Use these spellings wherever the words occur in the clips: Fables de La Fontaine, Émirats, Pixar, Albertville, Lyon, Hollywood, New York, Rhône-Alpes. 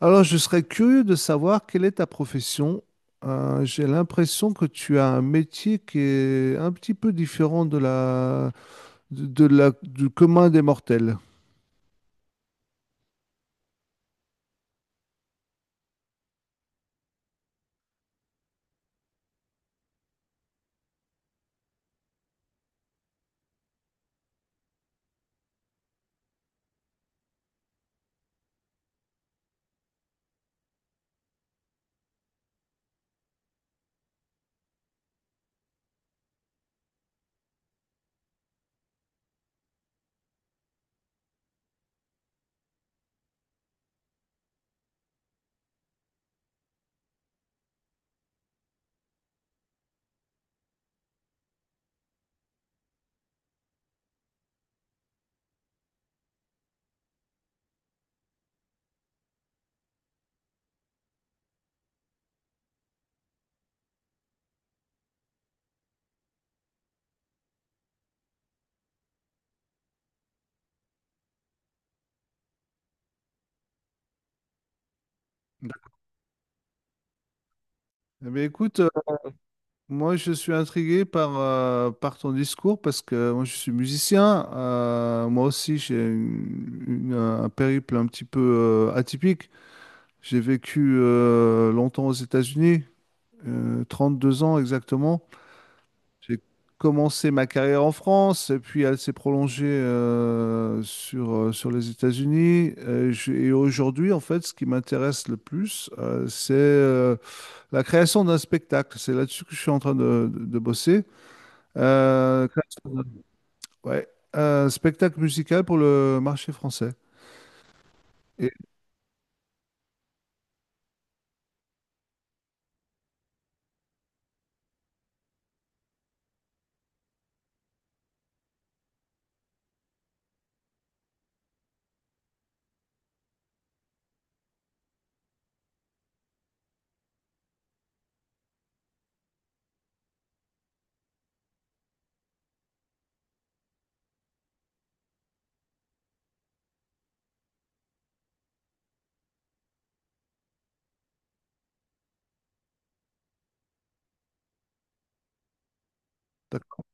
Alors, je serais curieux de savoir quelle est ta profession. J'ai l'impression que tu as un métier qui est un petit peu différent de la, du commun des mortels. Eh bien, écoute, moi je suis intrigué par ton discours parce que moi je suis musicien. Moi aussi j'ai un périple un petit peu atypique. J'ai vécu longtemps aux États-Unis, euh, 2 ans exactement. J'ai commencé ma carrière en France, et puis elle s'est prolongée sur les États-Unis. Et, aujourd'hui, en fait, ce qui m'intéresse le plus, c'est la création d'un spectacle. C'est là-dessus que je suis en train de bosser. Euh, création d'un- ouais, un spectacle musical pour le marché français. Et, d'accord.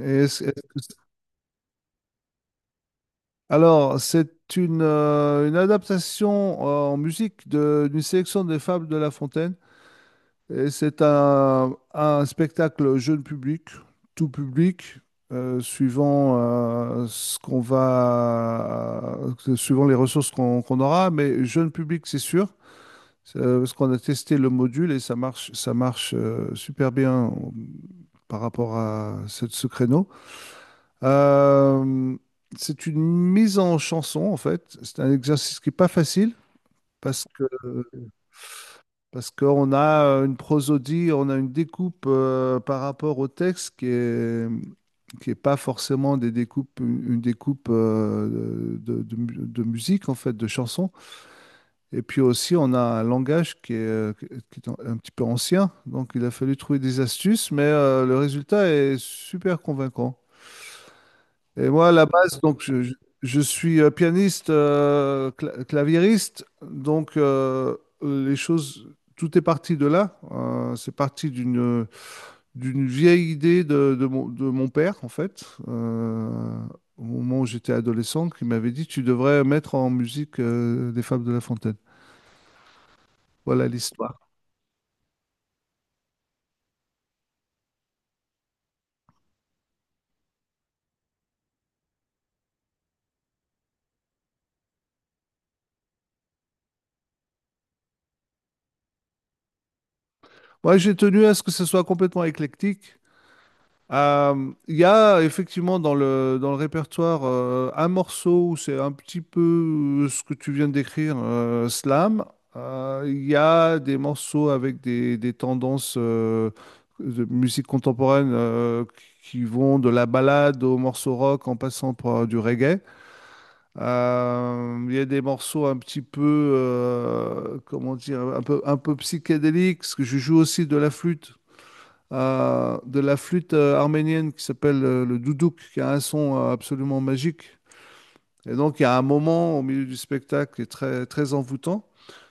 Et alors, c'est une adaptation en musique d'une sélection des fables de La Fontaine. Et c'est un spectacle jeune public, tout public, suivant suivant les ressources qu'on aura, mais jeune public, c'est sûr, parce qu'on a testé le module et ça marche super bien par rapport à ce créneau. Euh, c'est une mise en chanson, en fait. C'est un exercice qui n'est pas facile parce que euh, parce qu'on a une prosodie, on a une découpe par rapport au texte qui est pas forcément des découpes, une découpe de musique, en fait, de chansons. Et puis aussi, on a un langage qui est un petit peu ancien. Donc, il a fallu trouver des astuces, mais le résultat est super convaincant. Et moi, à la base, donc, je suis pianiste, claviériste, donc tout est parti de là. C'est parti d'une vieille idée de mon père, en fait, au moment où j'étais adolescent, qui m'avait dit, tu devrais mettre en musique des Fables de La Fontaine. Voilà l'histoire. Moi, j'ai tenu à ce que ce soit complètement éclectique. Il y a effectivement dans le répertoire un morceau où c'est un petit peu ce que tu viens de décrire, slam. Il y a des morceaux avec des tendances de musique contemporaine qui vont de la ballade au morceau rock en passant par du reggae. Il y a des morceaux un petit peu, comment dire, un peu psychédéliques, parce que je joue aussi de la flûte arménienne qui s'appelle le doudouk, qui a un son absolument magique. Et donc, il y a un moment au milieu du spectacle qui est très, très envoûtant.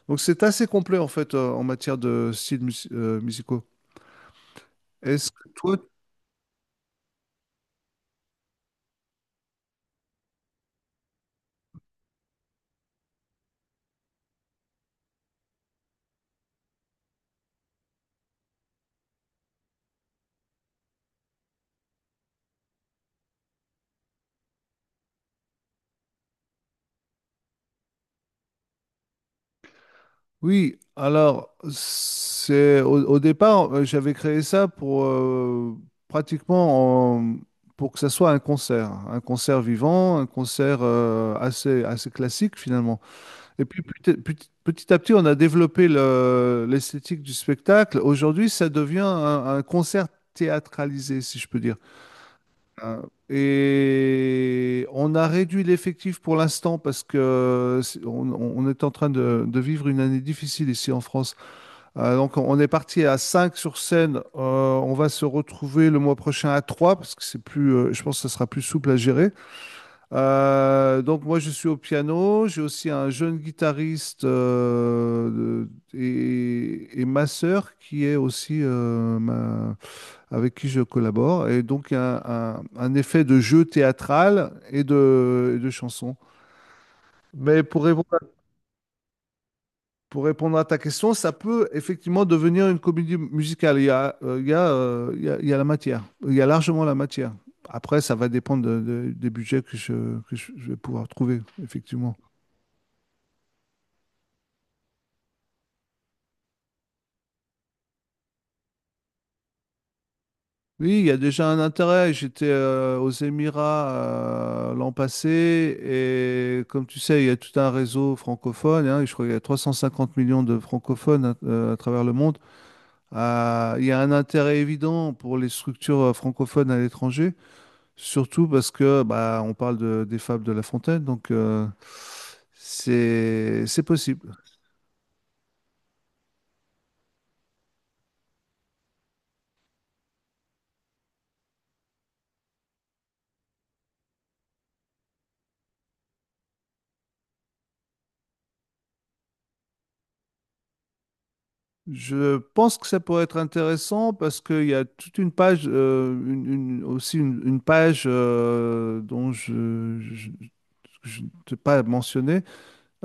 Donc, c'est assez complet, en fait, en matière de styles musicaux. Est-ce que toi... Oui, alors, c'est au départ, j'avais créé ça pour pratiquement en- pour que ça soit un concert vivant, un concert assez, assez classique, finalement. Et puis petit à petit, on a développé l'esthétique du spectacle. Aujourd'hui, ça devient un concert théâtralisé, si je peux dire. Euh, Et on a réduit l'effectif pour l'instant parce que on est en train de vivre une année difficile ici en France. Donc on est parti à 5 sur scène. On va se retrouver le mois prochain à 3 parce que je pense que ça sera plus souple à gérer. Donc moi je suis au piano, j'ai aussi un jeune guitariste et ma sœur qui est aussi avec qui je collabore. Et donc il y a un effet de jeu théâtral et de chanson. Mais pour répondre à ta question, ça peut effectivement devenir une comédie musicale. Il y a, il y a, il y a- Il y a la matière, il y a largement la matière. Après, ça va dépendre des budgets que je vais pouvoir trouver, effectivement. Oui, il y a déjà un intérêt. J'étais aux Émirats l'an passé et comme tu sais, il y a tout un réseau francophone. Hein, et je crois qu'il y a 350 millions de francophones à travers le monde. Il y a un intérêt évident pour les structures francophones à l'étranger, surtout parce que bah, on parle des fables de La Fontaine, donc c'est possible. Je pense que ça pourrait être intéressant parce qu'il y a toute une page, une- aussi une page dont je ne t'ai pas mentionné.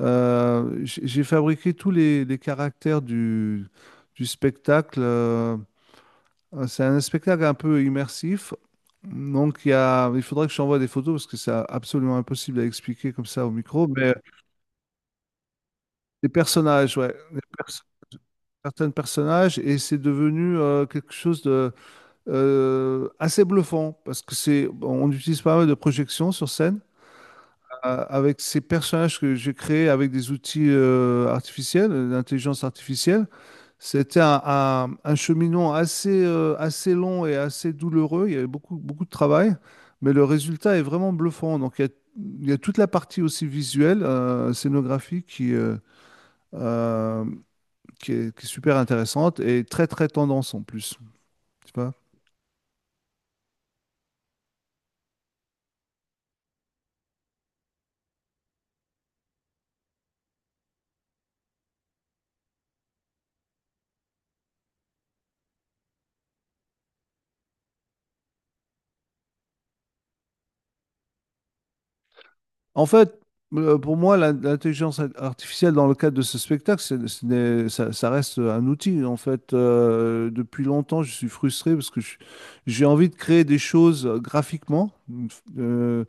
J'ai fabriqué tous les caractères du spectacle. C'est un spectacle un peu immersif. Donc il faudrait que je t'envoie des photos parce que c'est absolument impossible à expliquer comme ça au micro. Mais les personnages, ouais, certains personnages et c'est devenu quelque chose de assez bluffant parce que c'est, bon, on utilise pas mal de projections sur scène avec ces personnages que j'ai créés avec des outils artificiels, d'intelligence artificielle. C'était un cheminement assez long et assez douloureux. Il y avait beaucoup, beaucoup de travail, mais le résultat est vraiment bluffant. Donc il y a toute la partie aussi visuelle, scénographique euh, qui est super intéressante et très très tendance en plus. Tu vois. En fait, pour moi, l'intelligence artificielle dans le cadre de ce spectacle, c'est- ce n'est- ça reste un outil. En fait, depuis longtemps, je suis frustré parce que j'ai envie de créer des choses graphiquement. Euh,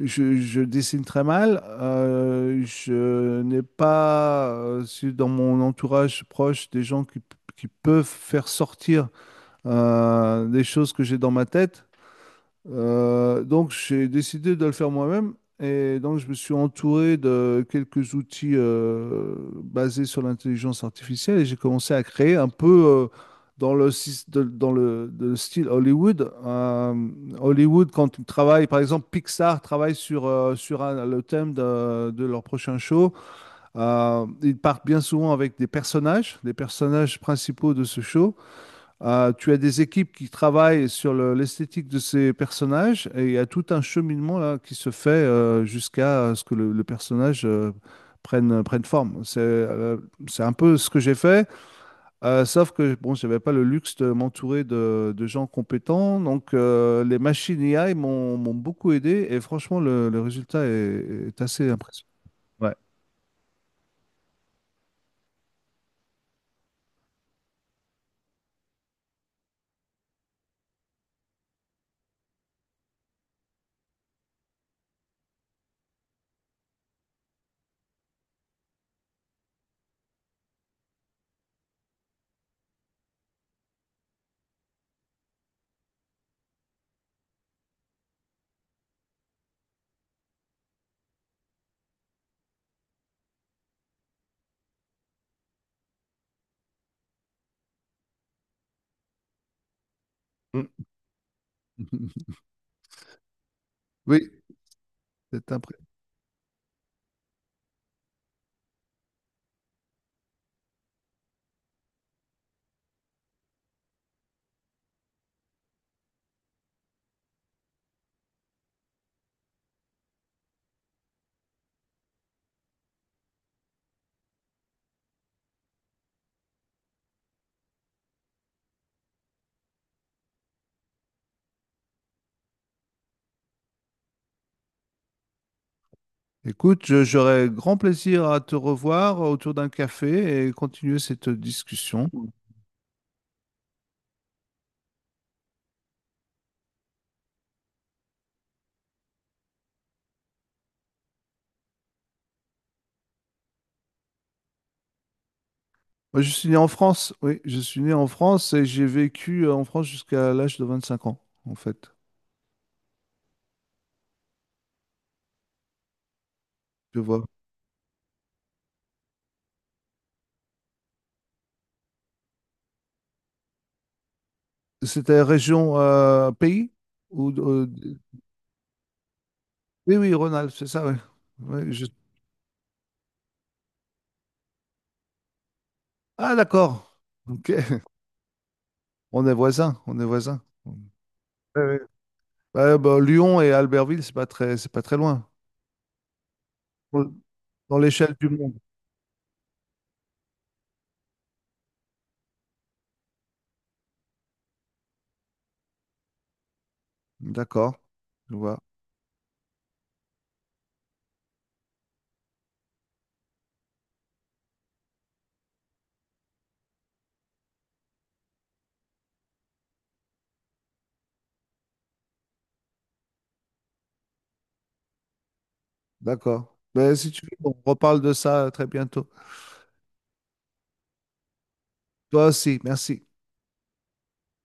je dessine très mal. Je n'ai pas dans mon entourage proche des gens qui peuvent faire sortir des choses que j'ai dans ma tête. J'ai décidé de le faire moi-même et donc je me suis entouré de quelques outils basés sur l'intelligence artificielle et j'ai commencé à créer un peu dans le, sys- de- dans le, de style Hollywood. Hollywood, quand ils travaillent, par exemple, Pixar travaille sur le thème de leur prochain show. Ils partent bien souvent avec des personnages principaux de ce show. Tu as des équipes qui travaillent sur l'esthétique de ces personnages et il y a tout un cheminement là qui se fait jusqu'à ce que le personnage prenne forme. C'est un peu ce que j'ai fait, sauf que bon, j'avais pas le luxe de m'entourer de gens compétents, donc les machines AI m'ont beaucoup aidé et franchement le résultat est assez impressionnant. Ouais. Oui, c'est impressionnant. Écoute, j'aurais grand plaisir à te revoir autour d'un café et continuer cette discussion. Moi, je suis né en France, oui, je suis né en France et j'ai vécu en France jusqu'à l'âge de 25 ans, en fait. Tu vois. C'était région, pays? Ou, euh, oui, oui, Rhône-Alpes, c'est ça, oui. Oui, ah, d'accord, ok. On est voisins, on est voisins. Ouais, ouais. Ouais, bah, Lyon et Albertville, c'est pas très loin. Dans dans l'échelle du monde. D'accord, je vois. D'accord. Ben, si tu veux, on reparle de ça très bientôt. Toi aussi, merci.